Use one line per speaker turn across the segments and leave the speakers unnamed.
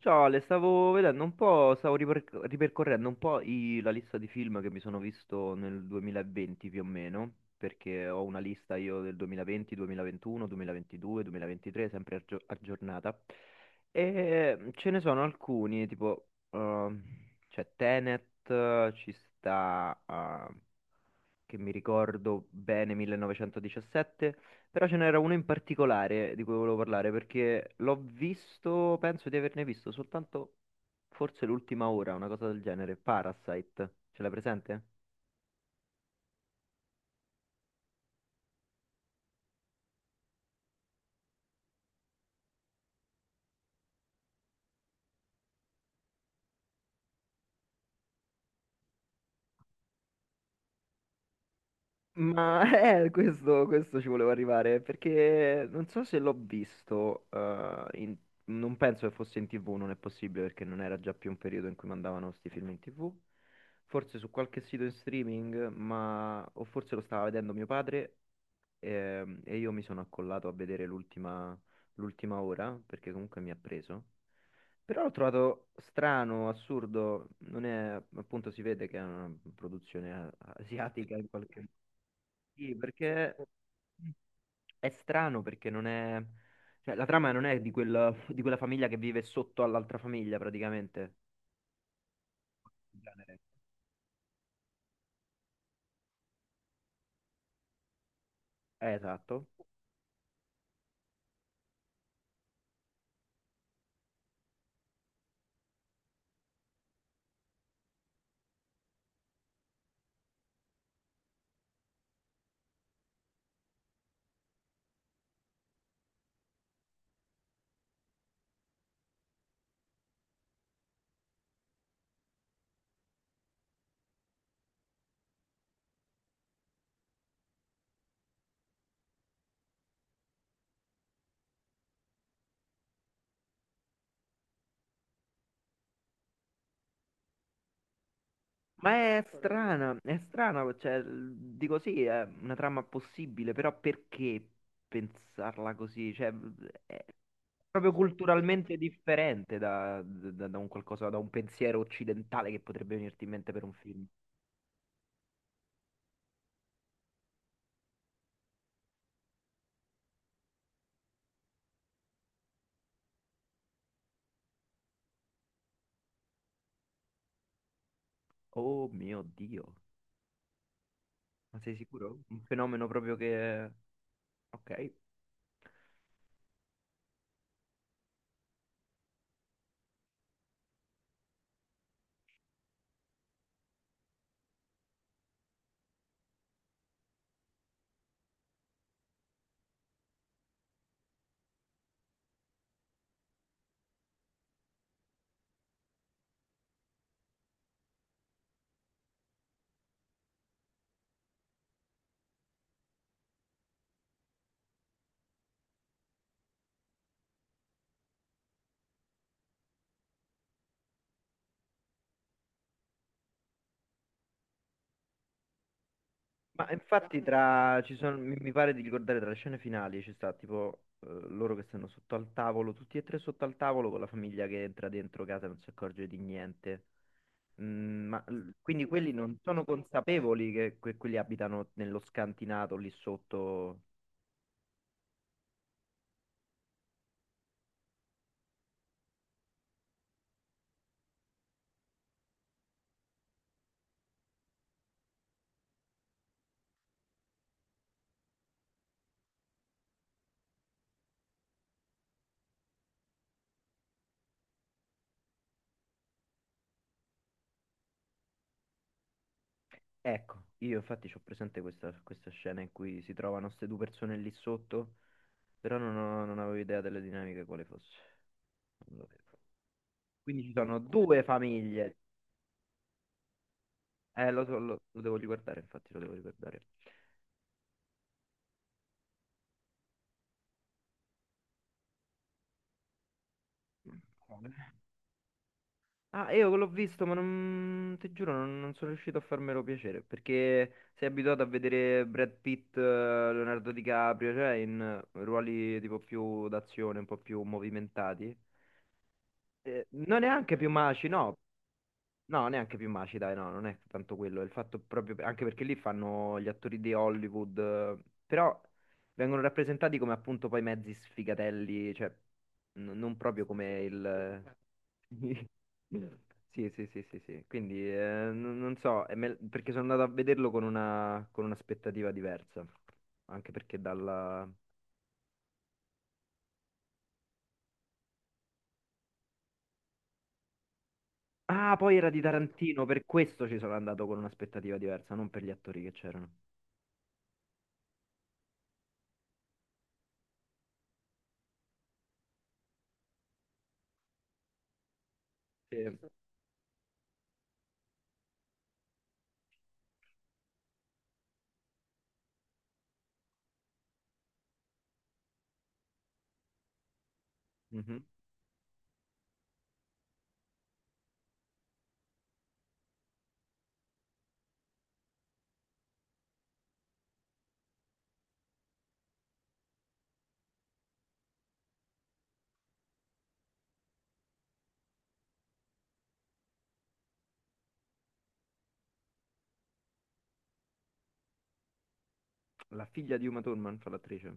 Ciao Ale, stavo vedendo un po', stavo ripercorrendo un po' la lista di film che mi sono visto nel 2020 più o meno, perché ho una lista io del 2020, 2021, 2022, 2023, sempre aggiornata. E ce ne sono alcuni, tipo, c'è Tenet, ci sta, che mi ricordo bene 1917, però ce n'era uno in particolare di cui volevo parlare perché l'ho visto, penso di averne visto soltanto forse l'ultima ora, una cosa del genere, Parasite, ce l'hai presente? Ma questo ci volevo arrivare perché non so se l'ho visto, non penso che fosse in TV, non è possibile perché non era già più un periodo in cui mandavano questi film in TV, forse su qualche sito in streaming, ma o forse lo stava vedendo mio padre, e io mi sono accollato a vedere l'ultima ora perché comunque mi ha preso. Però l'ho trovato strano, assurdo, non è, appunto si vede che è una produzione asiatica in qualche modo. Sì, perché è strano perché non è, cioè, la trama non è di quella famiglia che vive sotto all'altra famiglia praticamente. Il genere. Esatto. Ma è strana, cioè, dico sì, è una trama possibile, però perché pensarla così? Cioè, è proprio culturalmente differente da un qualcosa, da un pensiero occidentale che potrebbe venirti in mente per un film. Oh mio Dio, ma sei sicuro? Un fenomeno proprio che. Ok. Ma infatti tra, ci sono, mi pare di ricordare tra le scene finali ci sta tipo, loro che stanno sotto al tavolo, tutti e tre sotto al tavolo con la famiglia che entra dentro casa e non si accorge di niente. Mm, ma, quindi quelli non sono consapevoli che quelli abitano nello scantinato lì sotto. Ecco, io infatti ho presente questa scena in cui si trovano queste due persone lì sotto, però non, non avevo idea delle dinamiche quale fosse. Non lo vedo. Quindi ci sono due famiglie. Lo so, lo devo riguardare, infatti, lo devo riguardare. Mm, quale? Ah, io l'ho visto, ma non, ti giuro, non sono riuscito a farmelo piacere, perché sei abituato a vedere Brad Pitt, Leonardo DiCaprio, cioè in ruoli tipo più d'azione, un po' più movimentati. Non neanche più maci, no. No, neanche più maci, dai, no, non è tanto quello, è il fatto proprio, anche perché lì fanno gli attori di Hollywood, però vengono rappresentati come appunto poi mezzi sfigatelli, cioè non proprio come il. Sì, sì, sì, sì, sì, quindi non so, perché sono andato a vederlo con un'aspettativa diversa, anche perché dalla. Ah, poi era di Tarantino, per questo ci sono andato con un'aspettativa diversa, non per gli attori che c'erano. Sì. Mhm. La figlia di Uma Thurman fa l'attrice.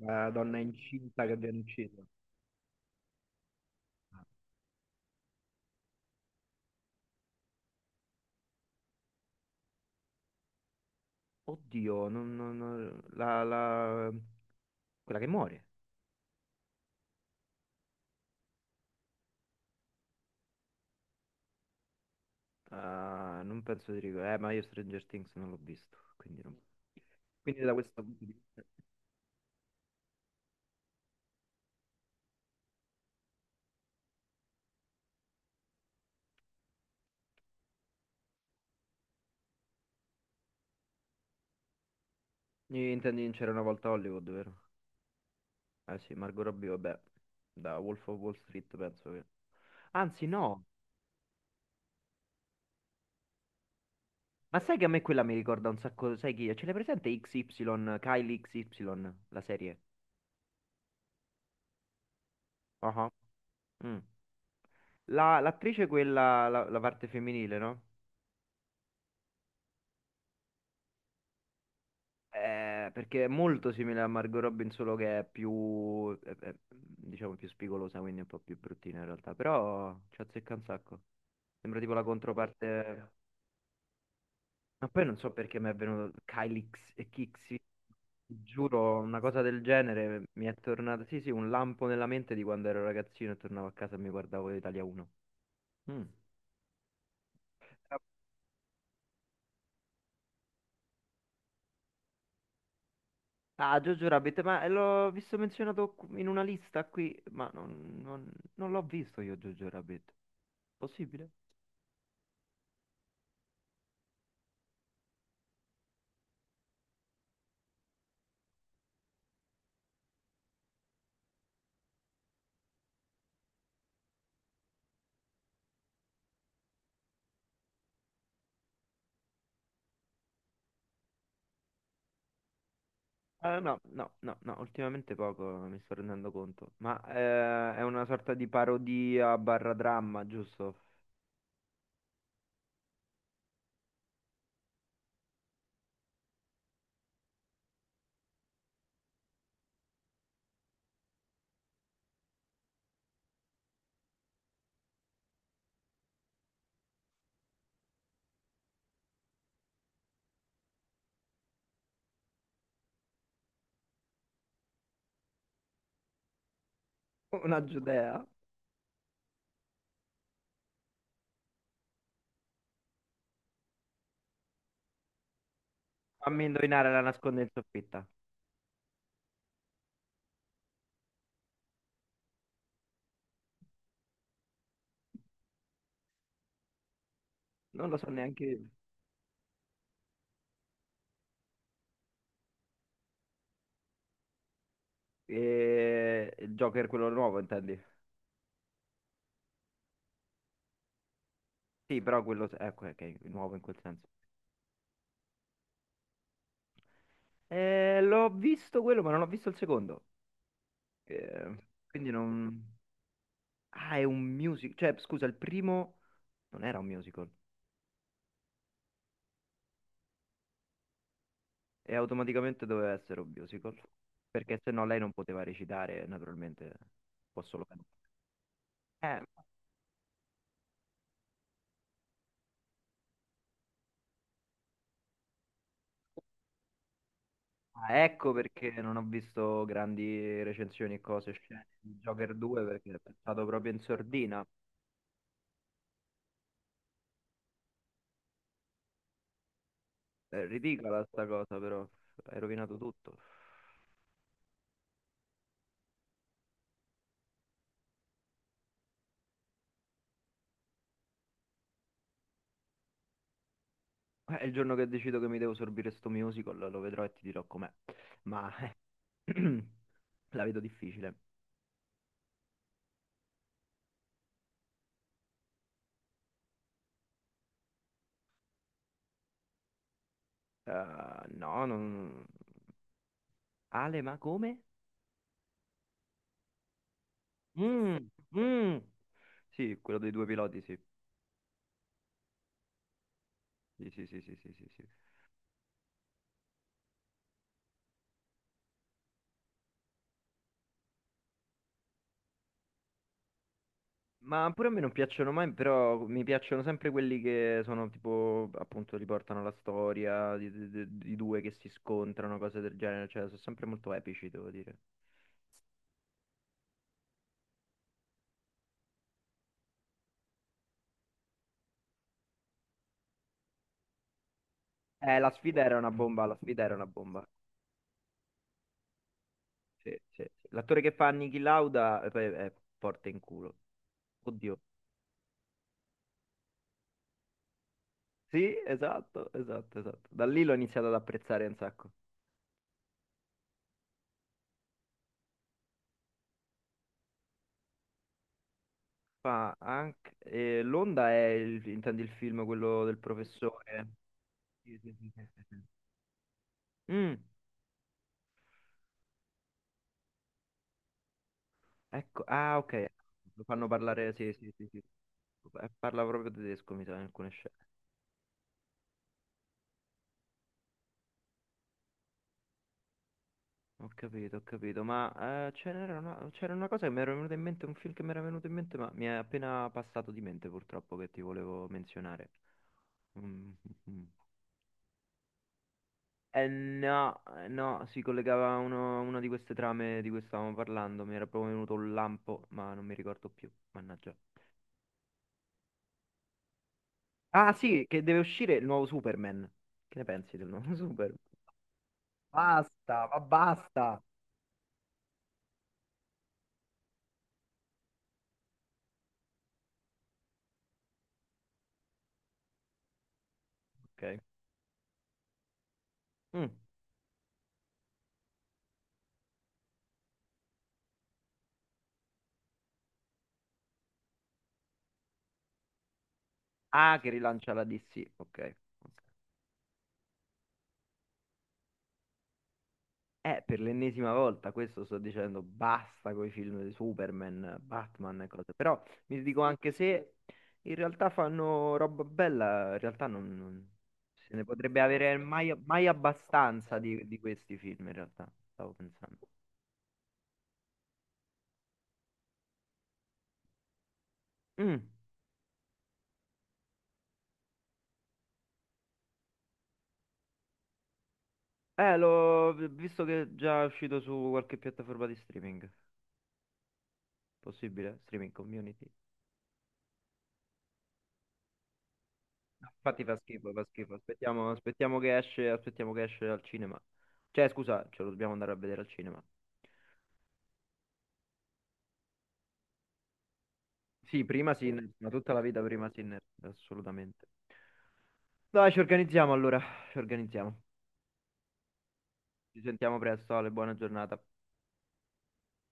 La donna incinta che viene uccisa. Oddio, non, quella che muore. Ah, non penso di ricordare. Ma io Stranger Things non l'ho visto, quindi. Quindi da questo punto di vista. Intendi in C'era una volta a Hollywood, vero? Eh sì, Margot Robbie, vabbè, da Wolf of Wall Street penso che. Anzi no, ma sai che a me quella mi ricorda un sacco, sai chi è? Ce l'hai presente XY, Kylie XY, la serie? Ah, ah. Mm. L'attrice quella, la parte femminile, no? Perché è molto simile a Margot Robin, solo che è più, diciamo, più spigolosa, quindi un po' più bruttina in realtà. Però ci azzecca un sacco. Sembra tipo la controparte. Ma poi non so perché mi è venuto Kylix e Kixi. Ti giuro, una cosa del genere mi è tornata. Sì, sì, un lampo nella mente di quando ero ragazzino e tornavo a casa e mi guardavo Italia 1. Mm. Ah, Jojo Rabbit, ma l'ho visto menzionato in una lista qui, ma non l'ho visto io Jojo Rabbit. Possibile? Ah, no, no, no, no, ultimamente poco, mi sto rendendo conto. Ma è una sorta di parodia barra dramma, giusto? Una giudea? Fammi indovinare, la nasconde in soffitta. Non lo so neanche io. Il Joker quello nuovo, intendi? Sì, però quello. Ecco, ok, nuovo in quel senso. L'ho visto quello, ma non ho visto il secondo. Eh, quindi non. Ah, è un musical. Cioè, scusa, il primo non era un musical. E automaticamente doveva essere un musical. Perché se no lei non poteva recitare, naturalmente. Può solo cantare. Eh, ah, ecco perché non ho visto grandi recensioni e cose, scene di Joker 2, perché è stato proprio in sordina. È ridicola sta cosa, però. Hai rovinato tutto. Il giorno che decido che mi devo sorbire sto musical, lo vedrò e ti dirò com'è. Ma. La vedo difficile. No, non. Ale, ma come? Mm, mm. Sì, quello dei due piloti, sì. Sì, sì, sì, sì, sì, sì, sì. Ma pure a me non piacciono mai, però mi piacciono sempre quelli che sono tipo, appunto, riportano la storia di due che si scontrano, cose del genere, cioè sono sempre molto epici, devo dire. La sfida era una bomba, la sfida era una bomba. Sì, sì, sì. L'attore che fa Niki Lauda, poi è forte in culo. Oddio. Sì, esatto, esatto, esatto. Da lì l'ho iniziato ad apprezzare un sacco. Fa anche, L'Onda è, intendi il film, quello del professore? Sì, sì, sì, sì, sì, sì. Mm, ecco, ah, ok. Lo fanno parlare, sì, sì, sì, sì. Parla proprio tedesco, mi sa, in alcune scene. Ho capito, ma ce n'era una, c'era una cosa che mi era venuta in mente, un film che mi era venuto in mente, ma mi è appena passato di mente purtroppo che ti volevo menzionare. Mm, mm, mm. No, no, si collegava a una di queste trame di cui stavamo parlando, mi era proprio venuto un lampo, ma non mi ricordo più, mannaggia. Ah sì, che deve uscire il nuovo Superman. Che ne pensi del nuovo Superman? Basta, ma basta. Ok. Mm. Ah, che rilancia la DC, ok. Ok. Per l'ennesima volta, questo sto dicendo, basta con i film di Superman, Batman e cose. Però mi dico anche se in realtà fanno roba bella, in realtà non, se ne potrebbe avere mai, mai abbastanza di questi film, in realtà, stavo pensando. Mm. L'ho visto che è già uscito su qualche piattaforma di streaming. Possibile? Streaming community? Infatti fa schifo, fa schifo. Aspettiamo, aspettiamo che esce al cinema. Cioè, scusa, ce lo dobbiamo andare a vedere al cinema. Sì, prima Sinner, ma tutta la vita prima Sinner, assolutamente. Dai, ci organizziamo allora, ci organizziamo. Ci sentiamo presto, Ale, buona giornata.